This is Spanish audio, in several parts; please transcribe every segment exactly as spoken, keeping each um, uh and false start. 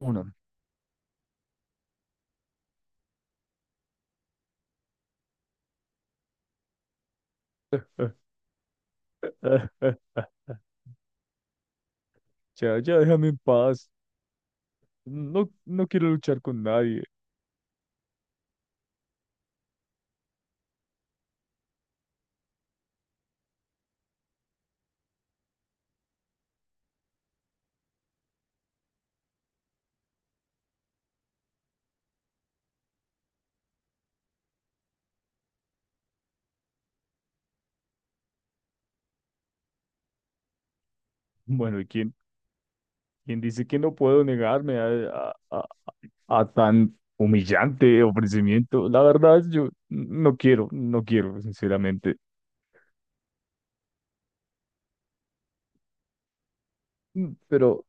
Uno. Eh, eh, eh, Ya, ya déjame en paz. No, no quiero luchar con nadie. Bueno, ¿y quién, quién dice que no puedo negarme a, a, a- a tan humillante ofrecimiento? La verdad, yo no quiero, no quiero, sinceramente. Mm, Pero,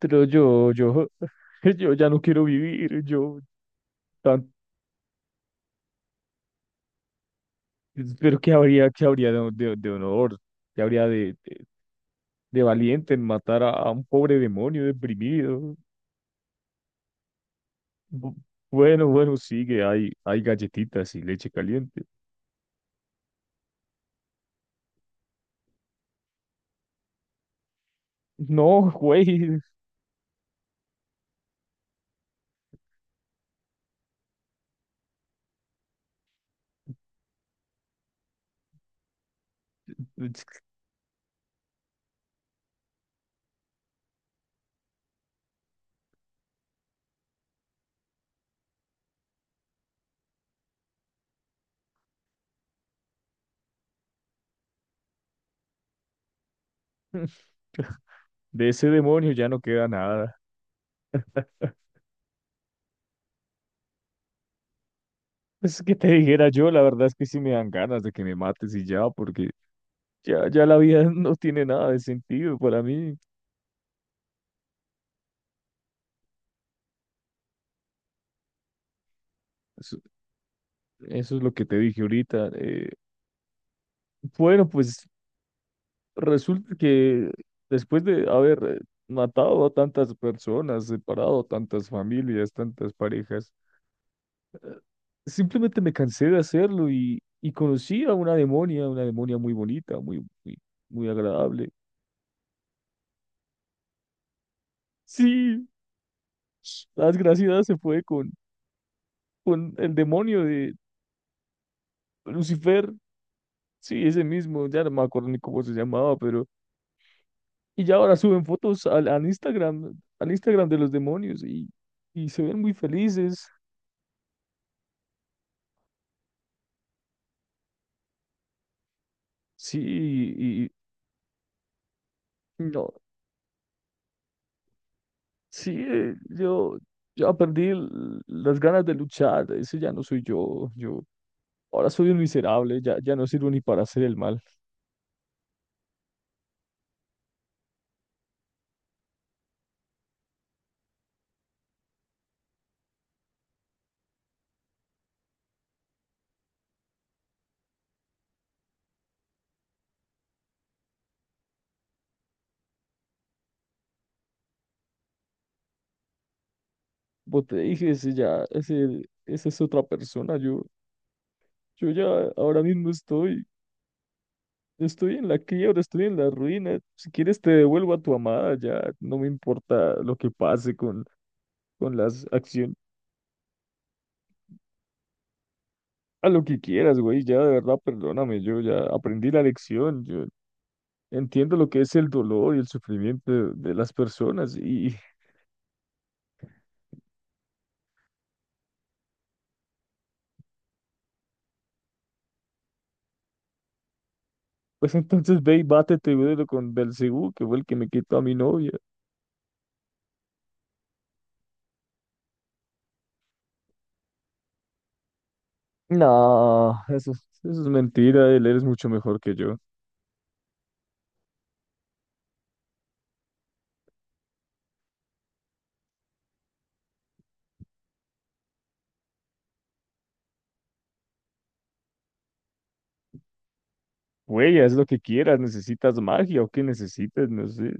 pero yo, yo, yo ya no quiero vivir. Yo, tan, pero ¿qué habría, ¿qué habría de, de, de honor? ¿Qué habría de, de, de valiente en matar a, a un pobre demonio deprimido? Bu- Bueno, bueno, sigue, hay, hay galletitas y leche caliente. No, güey, de ese demonio ya no queda nada. Es que te dijera yo, la verdad es que sí me dan ganas de que me mates y ya, porque ya, ya la vida no tiene nada de sentido para mí. Eso, eso es lo que te dije ahorita. Eh, bueno, pues resulta que después de haber eh, matado a tantas personas, separado tantas familias, tantas parejas, simplemente me cansé de hacerlo y, y conocí a una demonia, una demonia muy bonita, muy, muy, muy agradable. Sí, la desgraciada se fue con, con el demonio de Lucifer, sí, ese mismo, ya no me acuerdo ni cómo se llamaba, pero... Y ya ahora suben fotos al, al Instagram, al Instagram de los demonios y, y se ven muy felices. Sí, y y- no, sí, eh, yo... Ya perdí l- las ganas de luchar, ese ya no soy yo. Yo ahora soy un miserable, ya, ya no sirvo ni para hacer el mal. Como te dije, ese ya, ese, esa es otra persona. Yo, yo ya ahora mismo estoy, estoy en la quiebra, estoy en la ruina. Si quieres te devuelvo a tu amada, ya no me importa lo que pase con, con las acciones. A lo que quieras, güey, ya de verdad perdóname, yo ya aprendí la lección, yo entiendo lo que es el dolor y el sufrimiento de, de las personas. Y pues entonces ve y bátete, güey, con Belcebú, que fue el que me quitó a mi novia. No, eso, es- eso es mentira, él eres mucho mejor que yo. Güey, haz lo que quieras, necesitas magia o qué necesitas, no sé.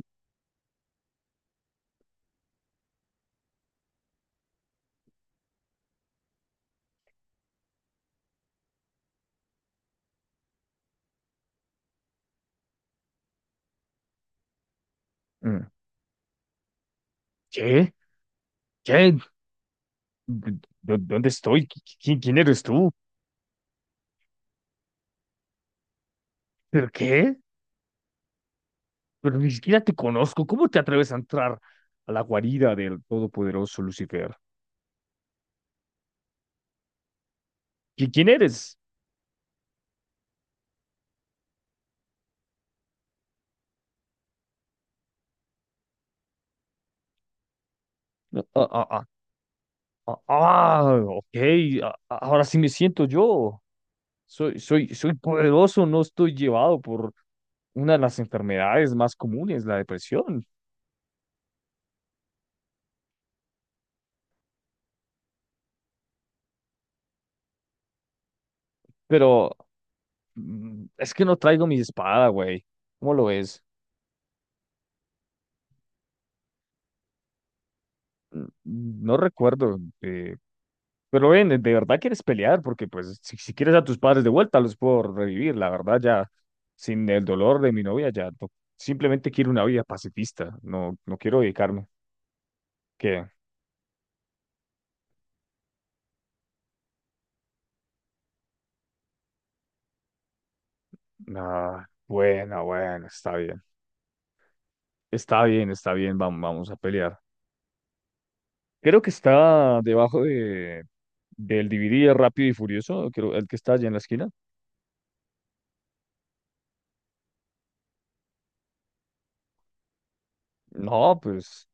Mm. ¿Qué? ¿Qué? ¿Dó- dó- ¿Dónde estoy? ¿Qui- qui- ¿Quién, quién eres tú? ¿Pero qué? Pero ni siquiera te conozco. ¿Cómo te atreves a entrar a la guarida del todopoderoso Lucifer? ¿Qui- ¿Quién eres? Ah, ah, ah, ah, ah, ok, a- a- ahora sí me siento yo. Soy, soy, soy poderoso, no estoy llevado por una de las enfermedades más comunes, la depresión. Pero mm, es que no traigo mi espada, güey. ¿Cómo lo ves? Mm, mm, No recuerdo. Eh, pero ven, ¿de de verdad quieres pelear? Porque pues si, si quieres a tus padres de vuelta, los puedo revivir. La verdad ya, sin el dolor de mi novia, ya no- simplemente quiero una vida pacifista. No, no quiero dedicarme. ¿Qué? Ah, bueno, bueno, está bien. Está bien, está bien, vamos, vamos a pelear. Creo que está debajo de, del D V D de Rápido y Furioso, creo, el que está allá en la esquina. No, pues.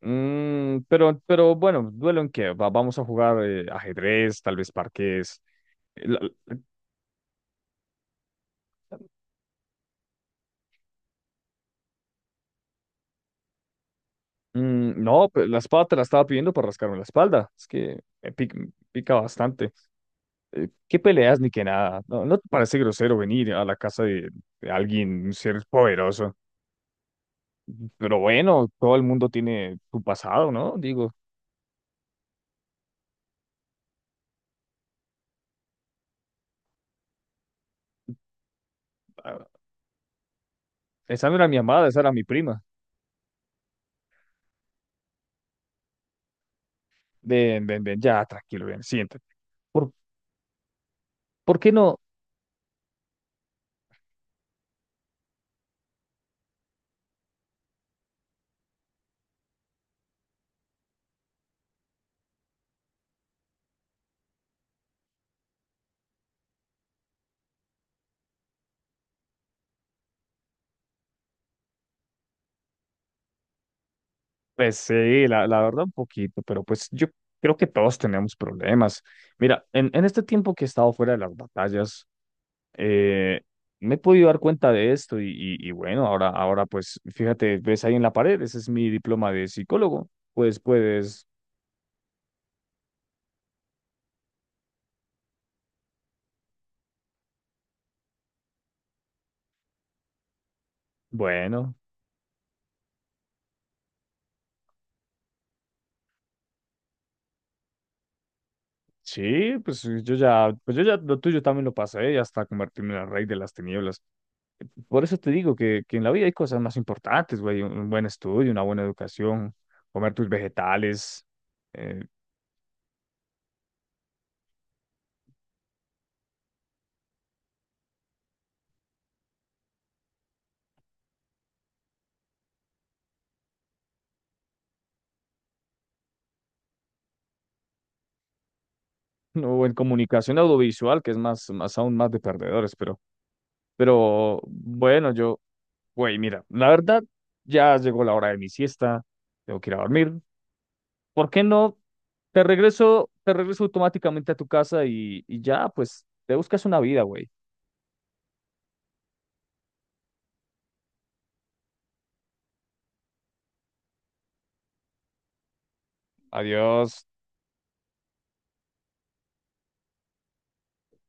mm, pero, pero bueno, duelo en qué. Va- vamos a jugar eh, ajedrez, tal vez parqués. La- mm, no, pues, la espada te la estaba pidiendo para rascarme la espalda. Es que me pic- me pica, bastante. Eh, ¿qué peleas ni qué nada? No, ¿no te parece grosero venir a la casa de, de alguien, un ser poderoso? Pero bueno, todo el mundo tiene su pasado, ¿no? Digo, ah, esa no era mi amada, esa era mi prima. Ven, ven, ven, ya, tranquilo, ven, siéntate. ¿Por, por qué no? Pues sí, la, la verdad un poquito, pero pues yo creo que todos tenemos problemas. Mira, en, en este tiempo que he estado fuera de las batallas, eh, me he podido dar cuenta de esto y, y, y bueno, ahora, ahora pues fíjate, ves ahí en la pared, ese es mi diploma de psicólogo. Pues puedes, bueno, sí, pues yo ya, pues yo ya lo tuyo también lo pasé y hasta convertirme en el rey de las tinieblas. Por eso te digo que, que en la vida hay cosas más importantes, güey. Un, un buen estudio, una buena educación, comer tus vegetales, eh, ¿no? O en comunicación audiovisual, que es más, más aún más de perdedores, pero, pero bueno, yo, güey, mira, la verdad, ya llegó la hora de mi siesta, tengo que ir a dormir. ¿Por qué no? Te regreso, te regreso automáticamente a tu casa y, y ya, pues, te buscas una vida, güey. Adiós.